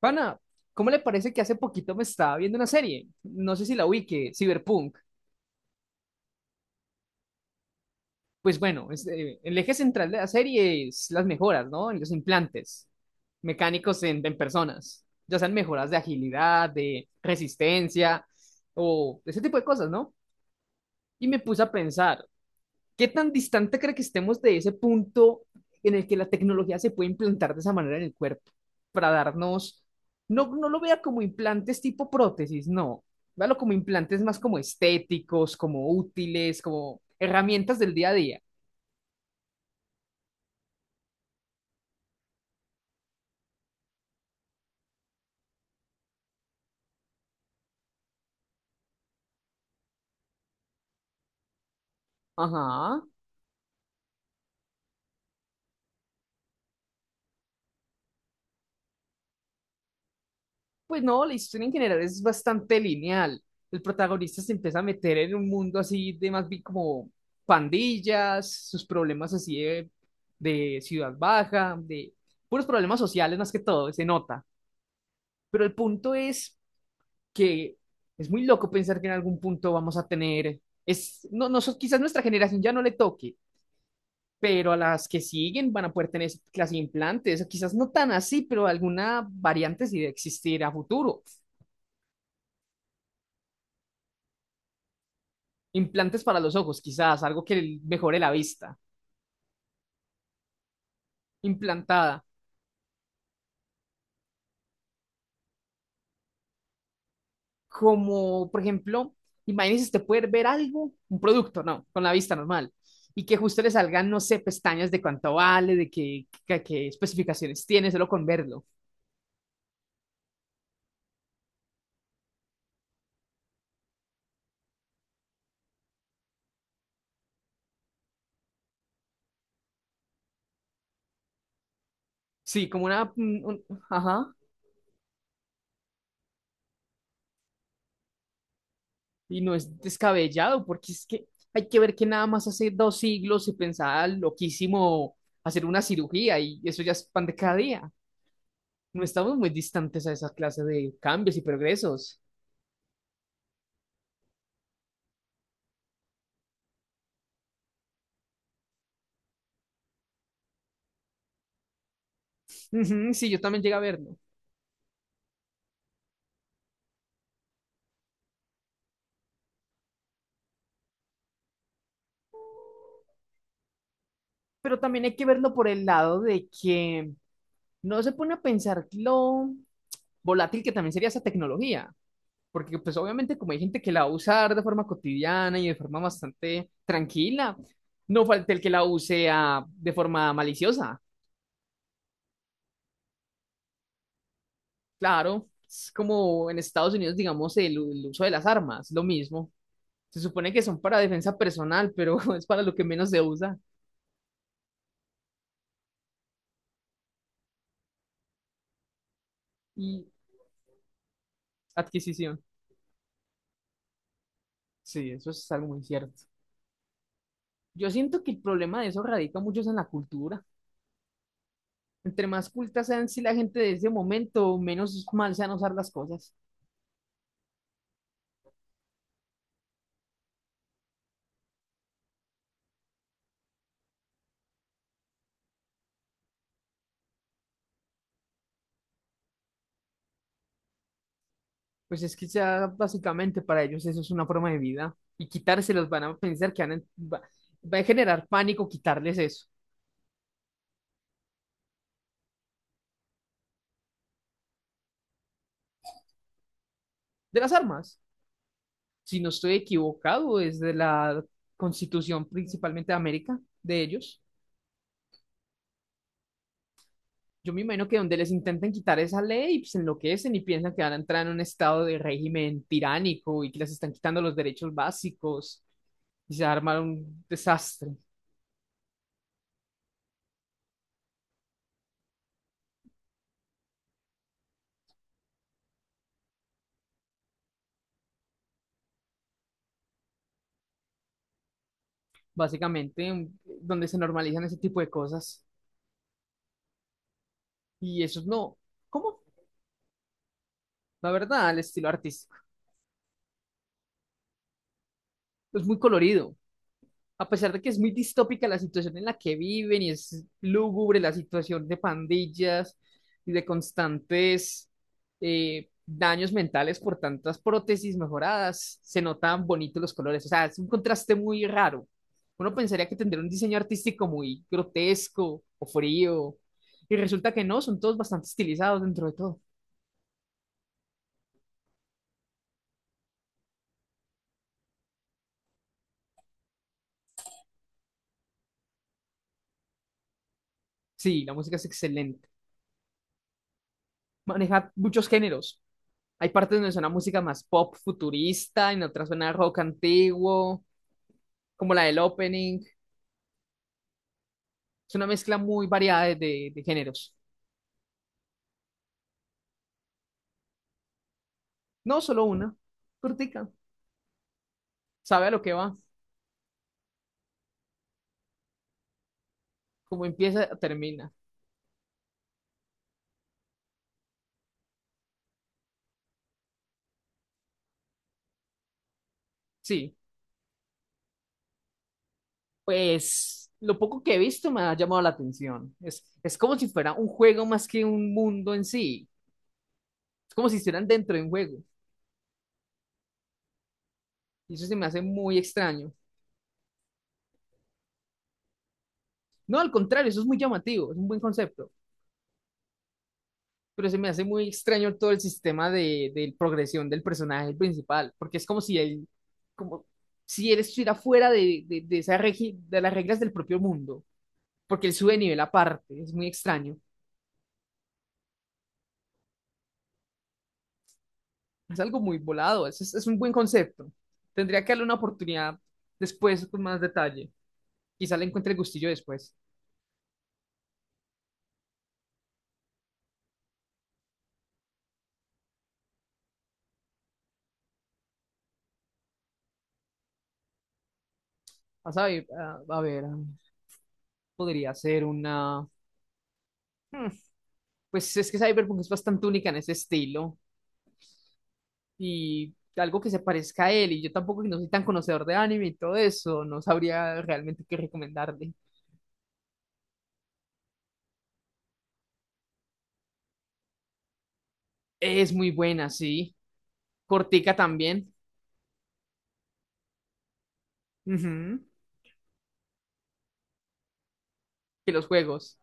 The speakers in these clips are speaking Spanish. Pana, ¿cómo le parece que hace poquito me estaba viendo una serie? No sé si la ubique, Cyberpunk. Pues bueno, el eje central de la serie es las mejoras, ¿no? En los implantes mecánicos en personas, ya sean mejoras de agilidad, de resistencia o ese tipo de cosas, ¿no? Y me puse a pensar, ¿qué tan distante cree que estemos de ese punto en el que la tecnología se puede implantar de esa manera en el cuerpo para darnos, no lo vea como implantes tipo prótesis, no, véalo como implantes más como estéticos, como útiles, como herramientas del día a día. Ajá. Pues no, la historia en general es bastante lineal. El protagonista se empieza a meter en un mundo así de más bien como pandillas, sus problemas así de ciudad baja, de puros problemas sociales más que todo, se nota. Pero el punto es que es muy loco pensar que en algún punto vamos a tener, es, no, no, so, quizás nuestra generación ya no le toque, pero a las que siguen van a poder tener esa clase de implantes, o quizás no tan así, pero alguna variante sí de existir a futuro. Implantes para los ojos, quizás, algo que mejore la vista, implantada, como por ejemplo, imagínese usted poder ver algo, un producto, no, con la vista normal, y que justo le salgan, no sé, pestañas de cuánto vale, de qué especificaciones tiene, solo con verlo. Sí, como una, ajá, y no es descabellado, porque es que hay que ver que nada más hace dos siglos se pensaba loquísimo hacer una cirugía y eso ya es pan de cada día. No estamos muy distantes a esa clase de cambios y progresos. Ujú, sí, yo también llegué a verlo. Pero también hay que verlo por el lado de que no se pone a pensar lo volátil que también sería esa tecnología. Porque pues obviamente como hay gente que la va a usar de forma cotidiana y de forma bastante tranquila, no falta el que la use de forma maliciosa. Claro, es como en Estados Unidos, digamos, el uso de las armas, lo mismo. Se supone que son para defensa personal, pero es para lo que menos se usa y adquisición. Sí, eso es algo muy cierto. Yo siento que el problema de eso radica mucho en la cultura. Entre más cultas sean si la gente de ese momento, menos mal sean usar las cosas. Pues es que ya básicamente para ellos eso es una forma de vida. Y quitárselos van a pensar que va, va a generar pánico quitarles eso. De las armas, si no estoy equivocado, desde la constitución principalmente de América, de ellos. Yo me imagino que donde les intenten quitar esa ley, pues enloquecen y piensan que van a entrar en un estado de régimen tiránico y que les están quitando los derechos básicos y se arma un desastre, básicamente, donde se normalizan ese tipo de cosas. Y eso es no, ¿cómo? La verdad, el estilo artístico. Es muy colorido. A pesar de que es muy distópica la situación en la que viven y es lúgubre la situación de pandillas y de constantes daños mentales por tantas prótesis mejoradas, se notan bonitos los colores. O sea, es un contraste muy raro. Uno pensaría que tendría un diseño artístico muy grotesco o frío, y resulta que no, son todos bastante estilizados dentro de todo. Sí, la música es excelente. Maneja muchos géneros. Hay partes donde suena música más pop futurista, en otras suena rock antiguo, como la del opening. Es una mezcla muy variada de géneros. No solo una, cortica. Sabe a lo que va, como empieza, termina. Sí, pues lo poco que he visto me ha llamado la atención. Es como si fuera un juego más que un mundo en sí. Es como si estuvieran dentro de un juego. Y eso se me hace muy extraño. No, al contrario, eso es muy llamativo, es un buen concepto. Pero se me hace muy extraño todo el sistema de progresión del personaje principal, porque es como si él estuviera fuera de esa de las reglas del propio mundo, porque él sube de nivel aparte, es muy extraño, es algo muy volado, es un buen concepto. Tendría que darle una oportunidad después con más detalle, quizá le encuentre el gustillo después. A, saber, a ver, a- Podría ser una... hmm, Pues es que Cyberpunk es bastante única en ese estilo. Y algo que se parezca a él. Y yo tampoco que no soy tan conocedor de anime y todo eso, no sabría realmente qué recomendarle. Es muy buena, sí. Cortica también. Ujú. Que los juegos.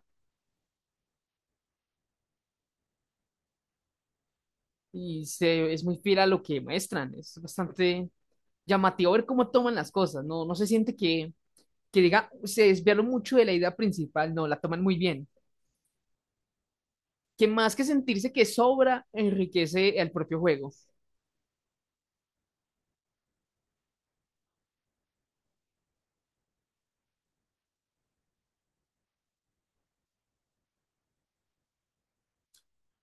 Es muy fiel a lo que muestran. Es bastante llamativo ver cómo toman las cosas. No, no se siente que diga, se desviaron mucho de la idea principal. No, la toman muy bien. Que más que sentirse que sobra, enriquece el propio juego.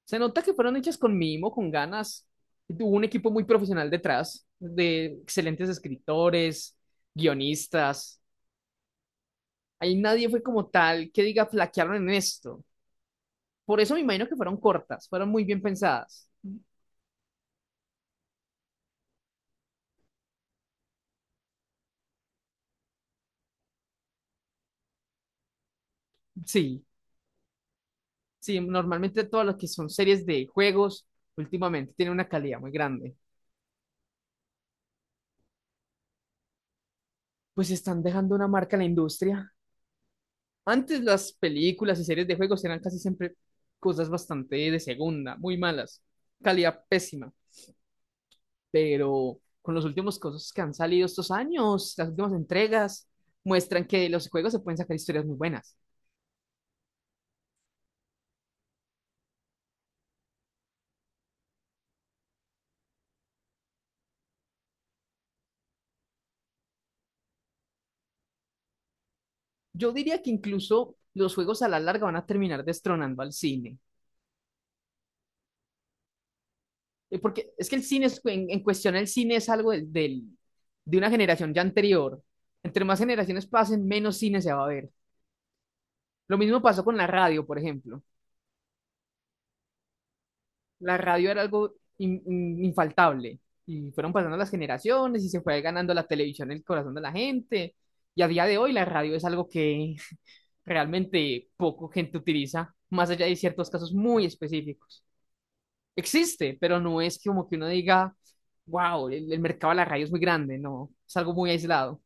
Se nota que fueron hechas con mimo, con ganas. Y tuvo un equipo muy profesional detrás, de excelentes escritores, guionistas. Ahí nadie fue como tal que diga flaquearon en esto. Por eso me imagino que fueron cortas, fueron muy bien pensadas. Sí, sí, normalmente todas las que son series de juegos últimamente tienen una calidad muy grande. Pues están dejando una marca en la industria. Antes las películas y series de juegos eran casi siempre cosas bastante de segunda, muy malas, calidad pésima. Pero con los últimos cosas que han salido estos años, las últimas entregas, muestran que de los juegos se pueden sacar historias muy buenas. Yo diría que incluso los juegos a la larga van a terminar destronando al cine, porque es que en cuestión el cine es algo de una generación ya anterior. Entre más generaciones pasen, menos cine se va a ver. Lo mismo pasó con la radio, por ejemplo. La radio era algo infaltable. Y fueron pasando las generaciones y se fue ganando la televisión el corazón de la gente. Y a día de hoy la radio es algo que realmente poco gente utiliza, más allá de ciertos casos muy específicos. Existe, pero no es como que uno diga, wow, el mercado de la radio es muy grande, no, es algo muy aislado.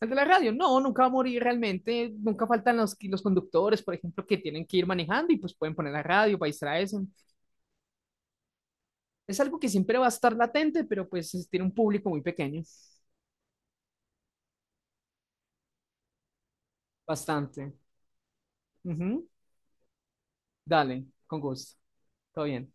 El de la radio, no, nunca va a morir realmente, nunca faltan los conductores, por ejemplo, que tienen que ir manejando y pues pueden poner la radio para distraerse. Es algo que siempre va a estar latente, pero pues tiene un público muy pequeño, bastante. Ujú. Dale, con gusto. Todo bien.